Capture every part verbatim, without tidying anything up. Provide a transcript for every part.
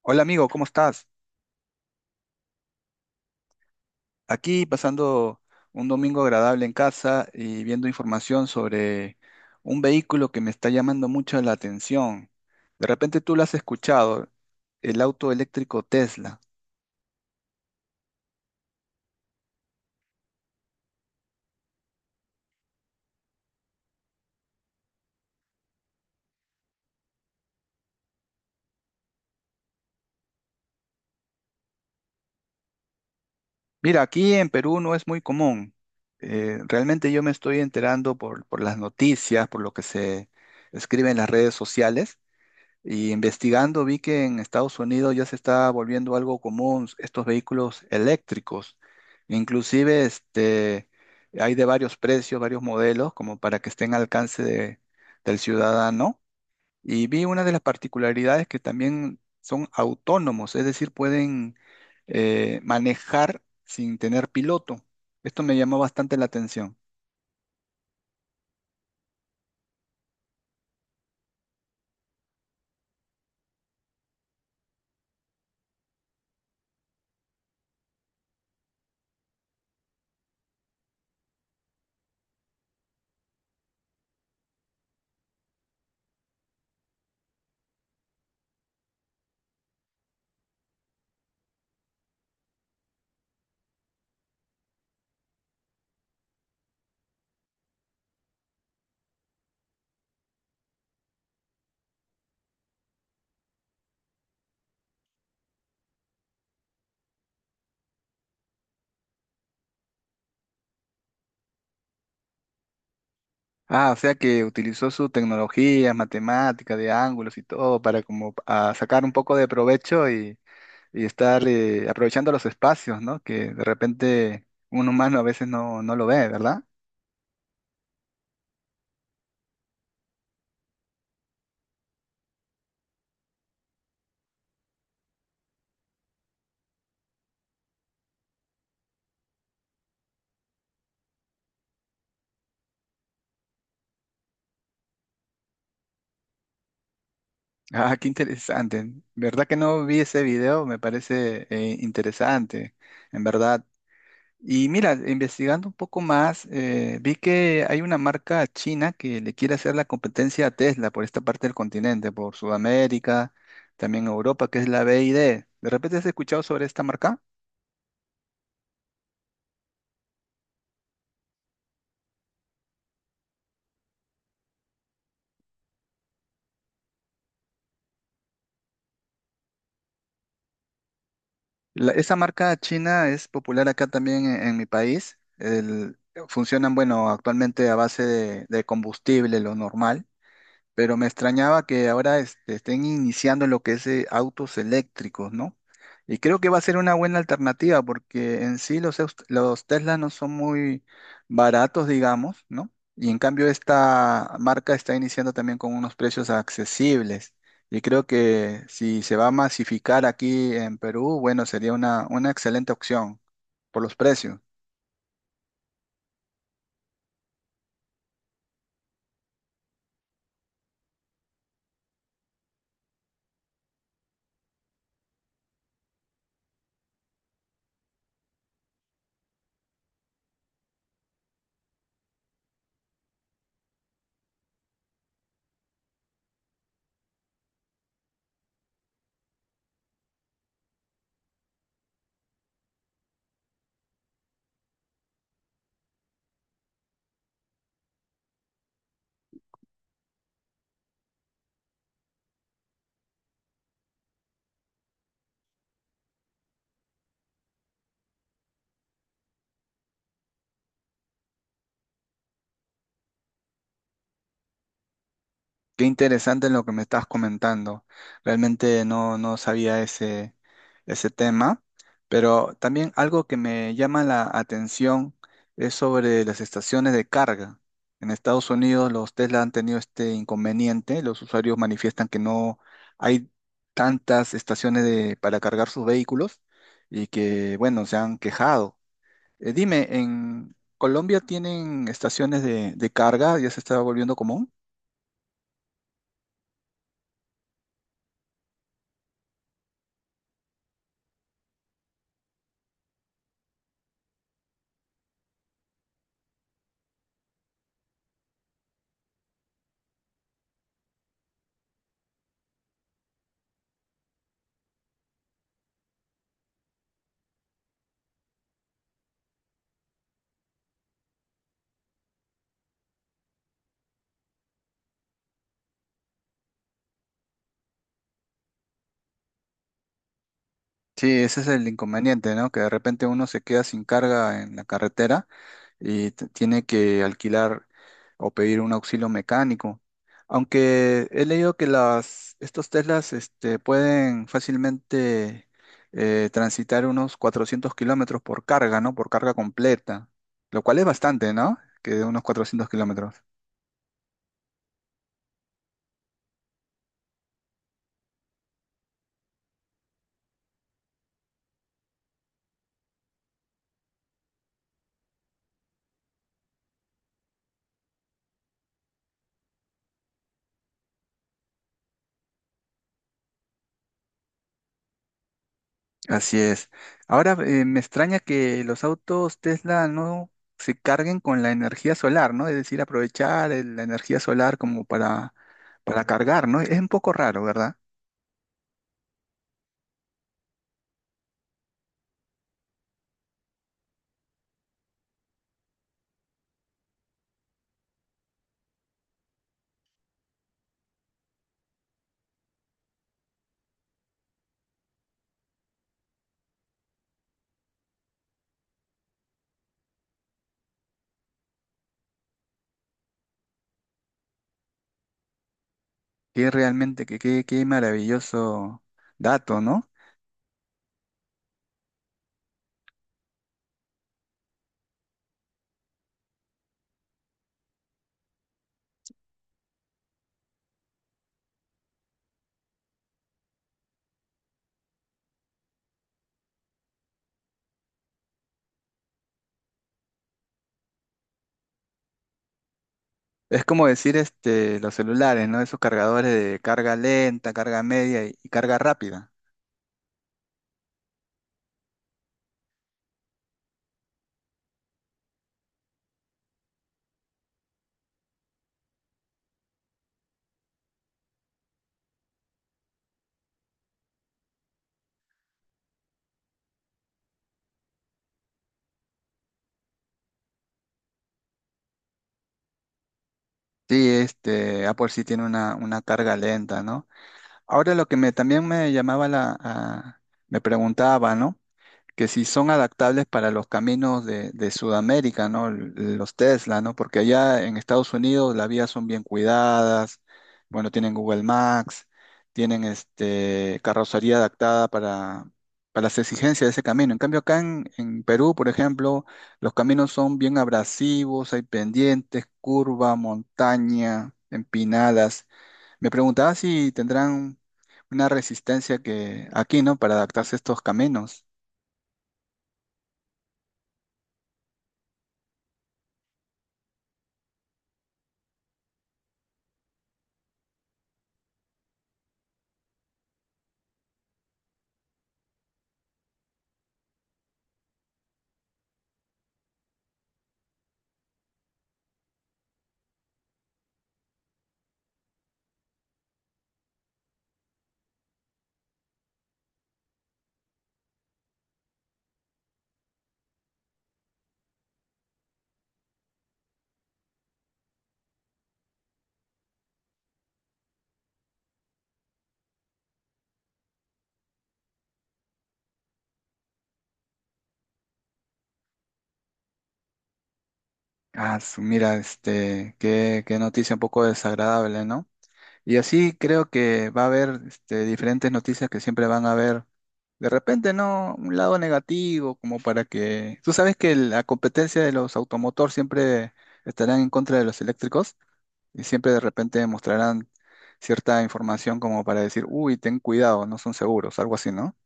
Hola amigo, ¿cómo estás? Aquí pasando un domingo agradable en casa y viendo información sobre un vehículo que me está llamando mucho la atención. De repente tú lo has escuchado, el auto eléctrico Tesla. Mira, aquí en Perú no es muy común. Eh, realmente yo me estoy enterando por, por las noticias, por lo que se escribe en las redes sociales, y investigando vi que en Estados Unidos ya se está volviendo algo común estos vehículos eléctricos. Inclusive este, hay de varios precios, varios modelos, como para que estén al alcance de- del ciudadano. Y vi una de las particularidades que también son autónomos, es decir, pueden eh, manejar sin tener piloto. Esto me llamó bastante la atención. Ah, o sea que utilizó su tecnología, matemática, de ángulos y todo para como a sacar un poco de provecho y, y estar eh, aprovechando los espacios, ¿no? Que de repente un humano a veces no, no lo ve, ¿verdad? Ah, qué interesante. ¿Verdad que no vi ese video? Me parece eh, interesante. En verdad, y mira, investigando un poco más, eh, vi que hay una marca china que le quiere hacer la competencia a Tesla por esta parte del continente, por Sudamérica, también Europa, que es la B Y D. ¿De repente has escuchado sobre esta marca? La- esa marca china es popular acá también en, en mi país. El- funcionan, bueno, actualmente a base de, de combustible, lo normal. Pero me extrañaba que ahora este, estén iniciando lo que es eh, autos eléctricos, ¿no? Y creo que va a ser una buena alternativa porque en sí los, eus- los Tesla no son muy baratos, digamos, ¿no? Y en cambio esta marca está iniciando también con unos precios accesibles. Y creo que si se va a masificar aquí en Perú, bueno, sería una, una excelente opción por los precios. Qué interesante lo que me estás comentando. Realmente no, no sabía ese, ese tema, pero también algo que me llama la atención es sobre las estaciones de carga. En Estados Unidos los Tesla han tenido este inconveniente. Los usuarios manifiestan que no hay tantas estaciones de- para cargar sus vehículos y que, bueno, se han quejado. Eh, dime, ¿en Colombia tienen estaciones de, de carga? ¿Ya se está volviendo común? Sí, ese es el inconveniente, ¿no? Que de repente uno se queda sin carga en la carretera y t- tiene que alquilar o pedir un auxilio mecánico. Aunque he leído que las, estos Teslas este, pueden fácilmente eh, transitar unos cuatrocientos kilómetros por carga, ¿no? Por carga completa, lo cual es bastante, ¿no? Que de unos cuatrocientos kilómetros. Así es. Ahora eh, me extraña que los autos Tesla no se carguen con la energía solar, ¿no? Es decir, aprovechar el- la energía solar como para, para cargar, ¿no? Es un poco raro, ¿verdad? Que realmente, que, que- qué maravilloso dato, ¿no? Es como decir este, los celulares, ¿no? Esos cargadores de carga lenta, carga media y, y carga rápida. Sí, este, Apple sí tiene una, una carga lenta, ¿no? Ahora lo que me, también me llamaba la, a- me preguntaba, ¿no? Que si son adaptables para los caminos de, de Sudamérica, ¿no? L- Los Tesla, ¿no? Porque allá en Estados Unidos las vías son bien cuidadas, bueno, tienen Google Maps, tienen este, carrocería adaptada para, para las exigencias de ese camino. En cambio, acá en, en Perú, por ejemplo, los caminos son bien abrasivos, hay pendientes, curva, montaña, empinadas. Me preguntaba si tendrán una resistencia que aquí, ¿no? Para adaptarse a estos caminos. Ah, su- mira, este, qué, qué noticia un poco desagradable, ¿no? Y así creo que va a haber este, diferentes noticias que siempre van a haber, de repente, ¿no? Un lado negativo, como para que... Tú sabes que la competencia de los automotor siempre estarán en contra de los eléctricos y siempre de repente mostrarán cierta información como para decir, uy, ten cuidado, no son seguros, algo así, ¿no?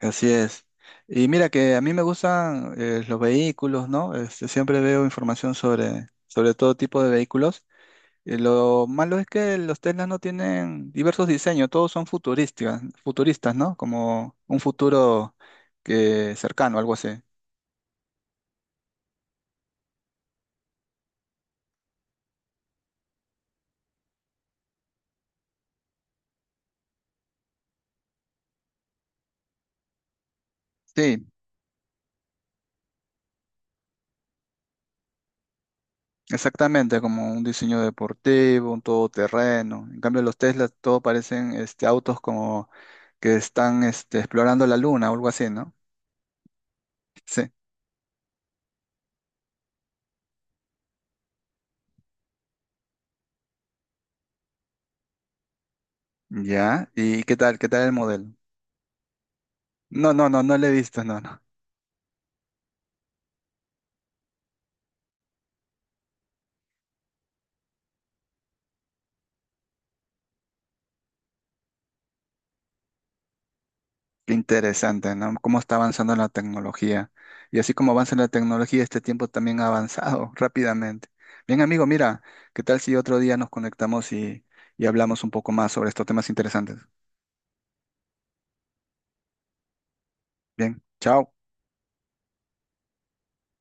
Así es. Y mira que a mí me gustan eh, los vehículos, ¿no? Este, siempre veo información sobre, sobre todo tipo de vehículos. Y lo malo es que los Teslas no tienen diversos diseños, todos son futurísticas, futuristas, ¿no? Como un futuro que cercano, algo así. Sí, exactamente, como un diseño deportivo, un todoterreno. En cambio, los Teslas todo parecen este, autos como que están este, explorando la luna o algo así, ¿no? Sí. Ya, ¿y qué tal? ¿Qué tal el modelo? No, no, no, no lo he visto, no, no. Qué interesante, ¿no? Cómo está avanzando la tecnología. Y así como avanza la tecnología, este tiempo también ha avanzado rápidamente. Bien, amigo, mira, ¿qué tal si otro día nos conectamos y, y hablamos un poco más sobre estos temas interesantes? Bien, chao.